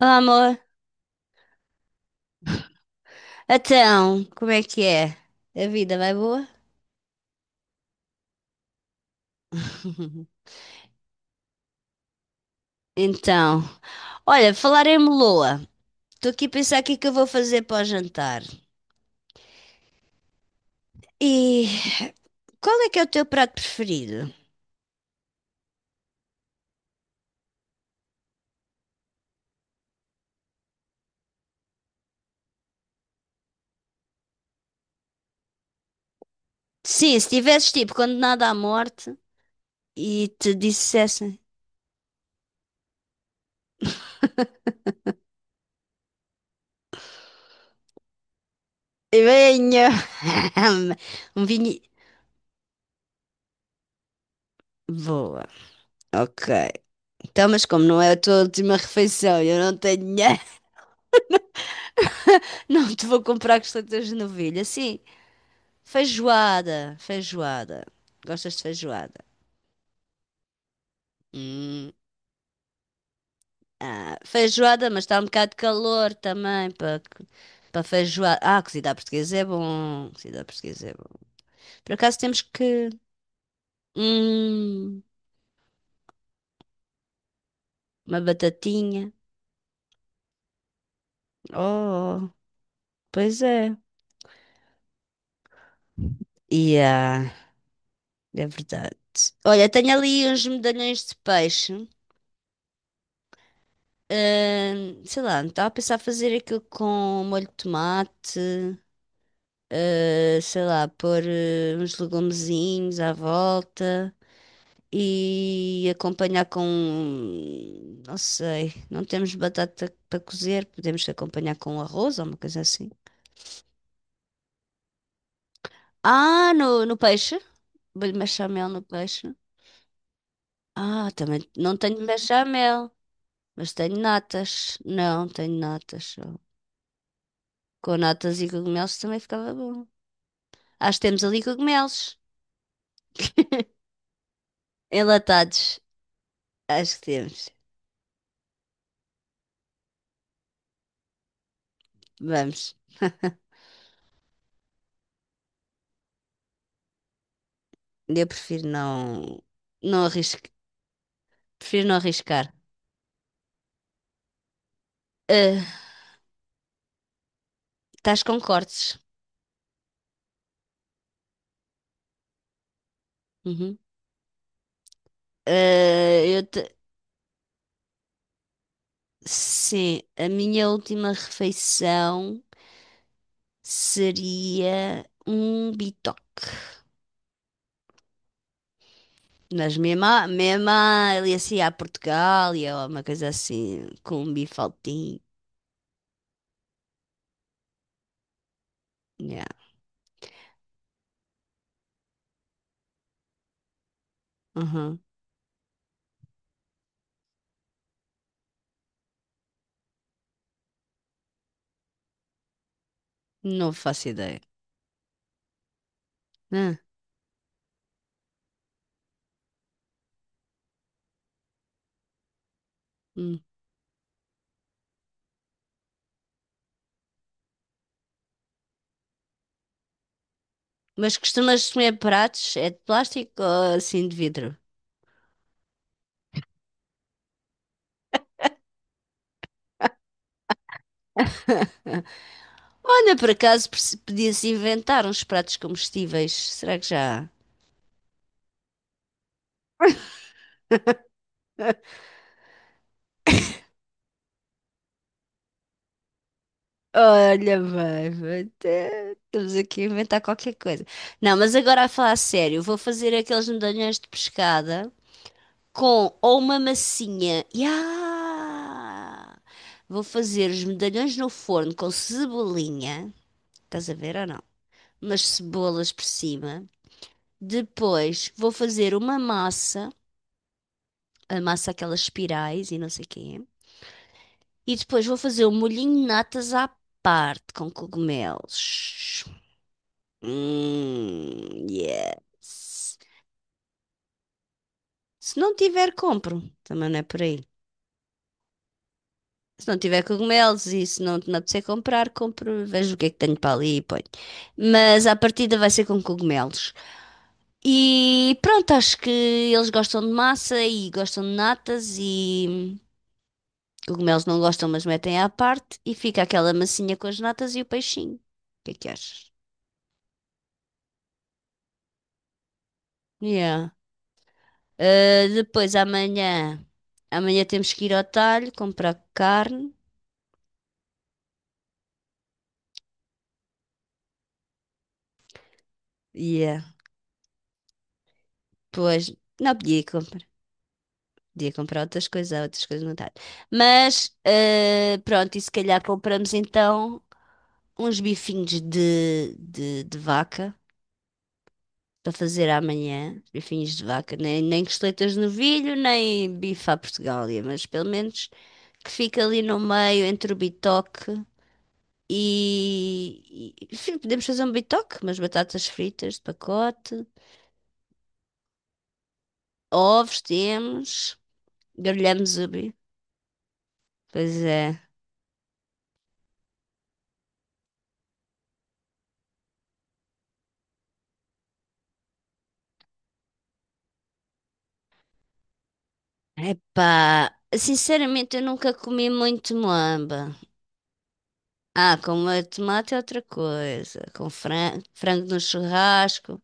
Olá, amor. Então, como é que é? A vida vai boa? Então, olha, falar em meloa. Estou aqui a pensar o que é que eu vou fazer para o jantar. E qual é que é o teu prato preferido? Sim, se tivesses tipo condenado à morte e te dissessem venha! Um vinho. Boa, ok. Então, mas como não é a tua última refeição, eu não tenho dinheiro, não te vou comprar costeletas de novilha. Sim. Feijoada, Gostas de feijoada? Hum, feijoada, mas está um bocado de calor também para feijoada. Ah, cozida à portuguesa é bom. Cozida à portuguesa é bom. Por acaso temos que hum, uma batatinha. Oh, pois é. E é verdade. Olha, tenho ali uns medalhões de peixe. Sei lá, não estava a pensar fazer aquilo com molho de tomate. Sei lá, pôr uns legumezinhos à volta e acompanhar com não sei, não temos batata para cozer, podemos acompanhar com arroz ou uma coisa assim. Ah, no peixe? Bolho bechamel no peixe. Ah, também não tenho bechamel, mas tenho natas. Não, tenho natas só. Com natas e cogumelos também ficava bom. Acho que temos ali cogumelos enlatados. Acho que temos. Vamos. Eu prefiro não, não arriscar. Prefiro não arriscar. Ah, estás com cortes. Uhum. Ah, sim, a minha última refeição seria um bitoque. Mas mesmo, mesmo ali assim à Portugália ou uma coisa assim, com um bifaltinho. Yeah. Uhum. Não faço ideia. Ah, hum. Mas costumas comer pratos? É de plástico ou assim de vidro? Olha, por acaso podia-se inventar uns pratos comestíveis. Será que já há? Olha, bem, estamos aqui a inventar qualquer coisa. Não, mas agora a falar a sério, vou fazer aqueles medalhões de pescada com ou uma massinha. Ya! Vou fazer os medalhões no forno com cebolinha. Estás a ver ou não? Umas cebolas por cima. Depois vou fazer uma massa, a massa aquelas espirais e não sei o quê. E depois vou fazer o molhinho de natas à parte com cogumelos. Yes. Se não tiver, compro. Também não é por aí. Se não tiver cogumelos e se não me apetecer comprar, compro, vejo o que é que tenho para ali e ponho. Mas à partida vai ser com cogumelos. E pronto, acho que eles gostam de massa e gostam de natas e cogumelos não gostam, mas metem à parte e fica aquela massinha com as natas e o peixinho. O que é que achas? Yeah. Ah, depois amanhã, temos que ir ao talho comprar carne. Yeah. Pois, não podia comprar. Podia comprar outras coisas, há outras coisas no talho. Mas, ah, pronto, e se calhar compramos então uns bifinhos de vaca para fazer amanhã. Bifinhos de vaca, nem costeletas de novilho, nem bife à Portugália, mas pelo menos que fica ali no meio entre o bitoque. E sim, podemos fazer um bitoque, umas batatas fritas de pacote, ovos temos, grelhamos o bife. Pois é. Epá, sinceramente eu nunca comi muito moamba. Ah, com molho de tomate é outra coisa, com frango no churrasco.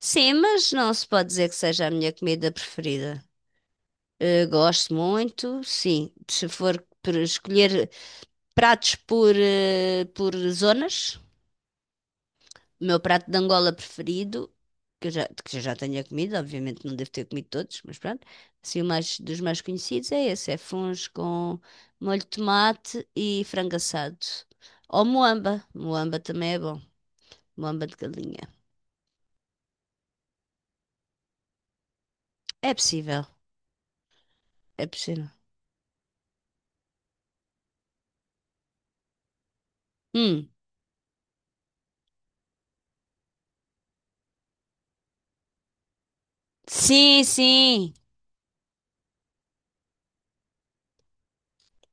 Sim, mas não se pode dizer que seja a minha comida preferida. Eh, gosto muito, sim. Se for por escolher pratos eh, por zonas, o meu prato de Angola preferido, que eu já tenha comido, obviamente não devo ter comido todos, mas pronto, assim, dos mais conhecidos é esse, é funs com molho de tomate e frango assado. Ou moamba também é bom, moamba de galinha. É possível, é possível. Hum, sim, sim.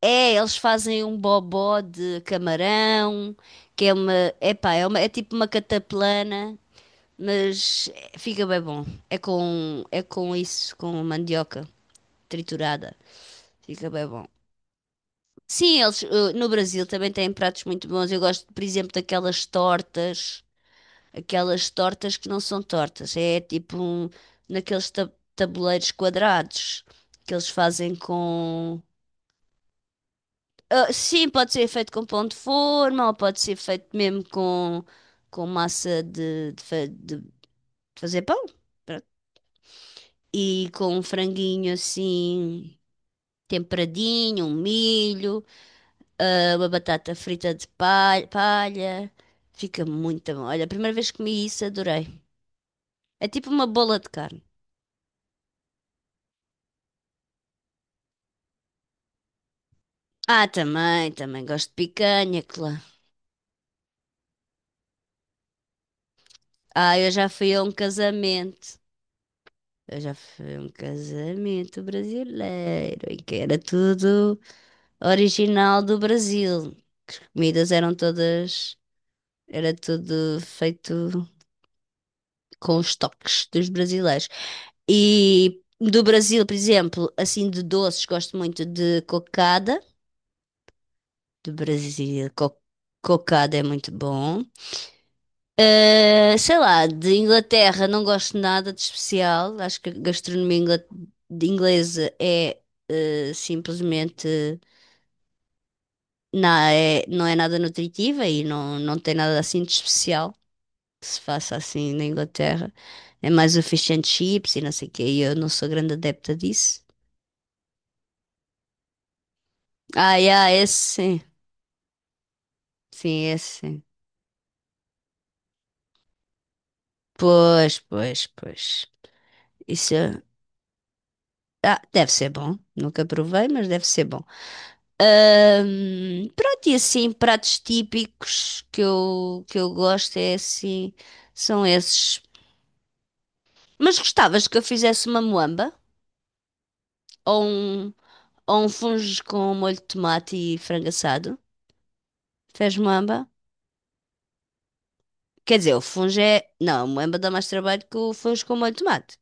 É, eles fazem um bobó de camarão, que é uma, epá, é é tipo uma cataplana. Mas fica bem bom. É com isso, com mandioca triturada. Fica bem bom. Sim, eles eh, no Brasil também têm pratos muito bons. Eu gosto, por exemplo, daquelas tortas, aquelas tortas que não são tortas, é tipo um, naqueles tabuleiros quadrados que eles fazem com. Ah, sim, pode ser feito com pão de forma ou pode ser feito mesmo com massa de, fa- de fazer pão. E com um franguinho assim temperadinho, um milho, ah, uma batata frita de palha. Fica muito bom. Olha, a primeira vez que comi isso, adorei. É tipo uma bola de carne. Ah, também gosto de picanha, claro. Ah, eu já fui a um casamento. Eu já fui a um casamento brasileiro em que era tudo original do Brasil. Comidas eram todas, era tudo feito com os toques dos brasileiros. E do Brasil, por exemplo, assim de doces, gosto muito de cocada. Do Brasil, cocada é muito bom. Eh, sei lá, de Inglaterra não gosto nada de especial. Acho que a gastronomia ingla- de inglesa é eh, simplesmente não é nada nutritiva e não tem nada assim de especial que se faça assim na Inglaterra. É mais o fish and chips e não sei o quê. E eu não sou grande adepta disso. Ah, yeah, esse sim. Sim, esse sim. Pois, pois. Isso é- ah, deve ser bom. Nunca provei, mas deve ser bom. Pronto, e assim, pratos típicos que eu gosto é assim, são esses. Mas gostavas que eu fizesse uma moamba? Ou um, ou um fungo com molho de tomate e frango assado? Fez moamba? Quer dizer, o funge é. Não, a moamba dá mais trabalho que o funge com molho de tomate.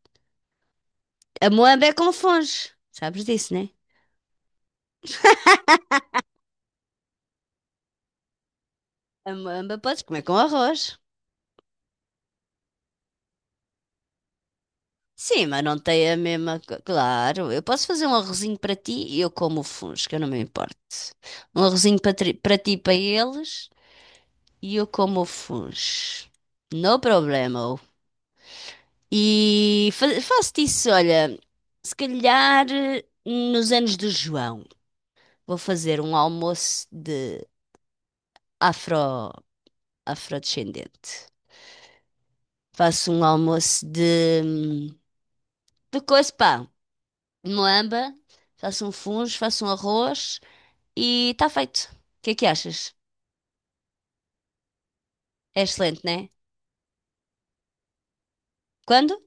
A moamba é com funge. Sabes disso, né? A moamba podes comer com arroz. Sim, mas não tem a mesma. Co- Claro, eu posso fazer um arrozinho para ti e eu como o funge, que eu não me importo. Um arrozinho para ti e para eles e eu como o funge. No problema. E faço-te isso, olha. Se calhar eh, nos anos do João, vou fazer um almoço de afro. Afrodescendente. Faço um almoço de coisa, pá, moamba, faço um fungo, faço um arroz e está feito. O que é que achas? É excelente, né? Quando?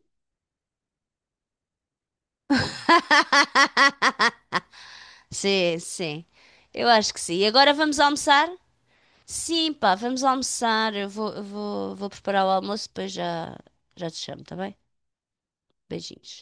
Sim, sim. Eu acho que sim. E agora vamos almoçar? Sim, pá, vamos almoçar. Eu vou, vou preparar o almoço, depois já, já te chamo, tá bem? Beijinhos.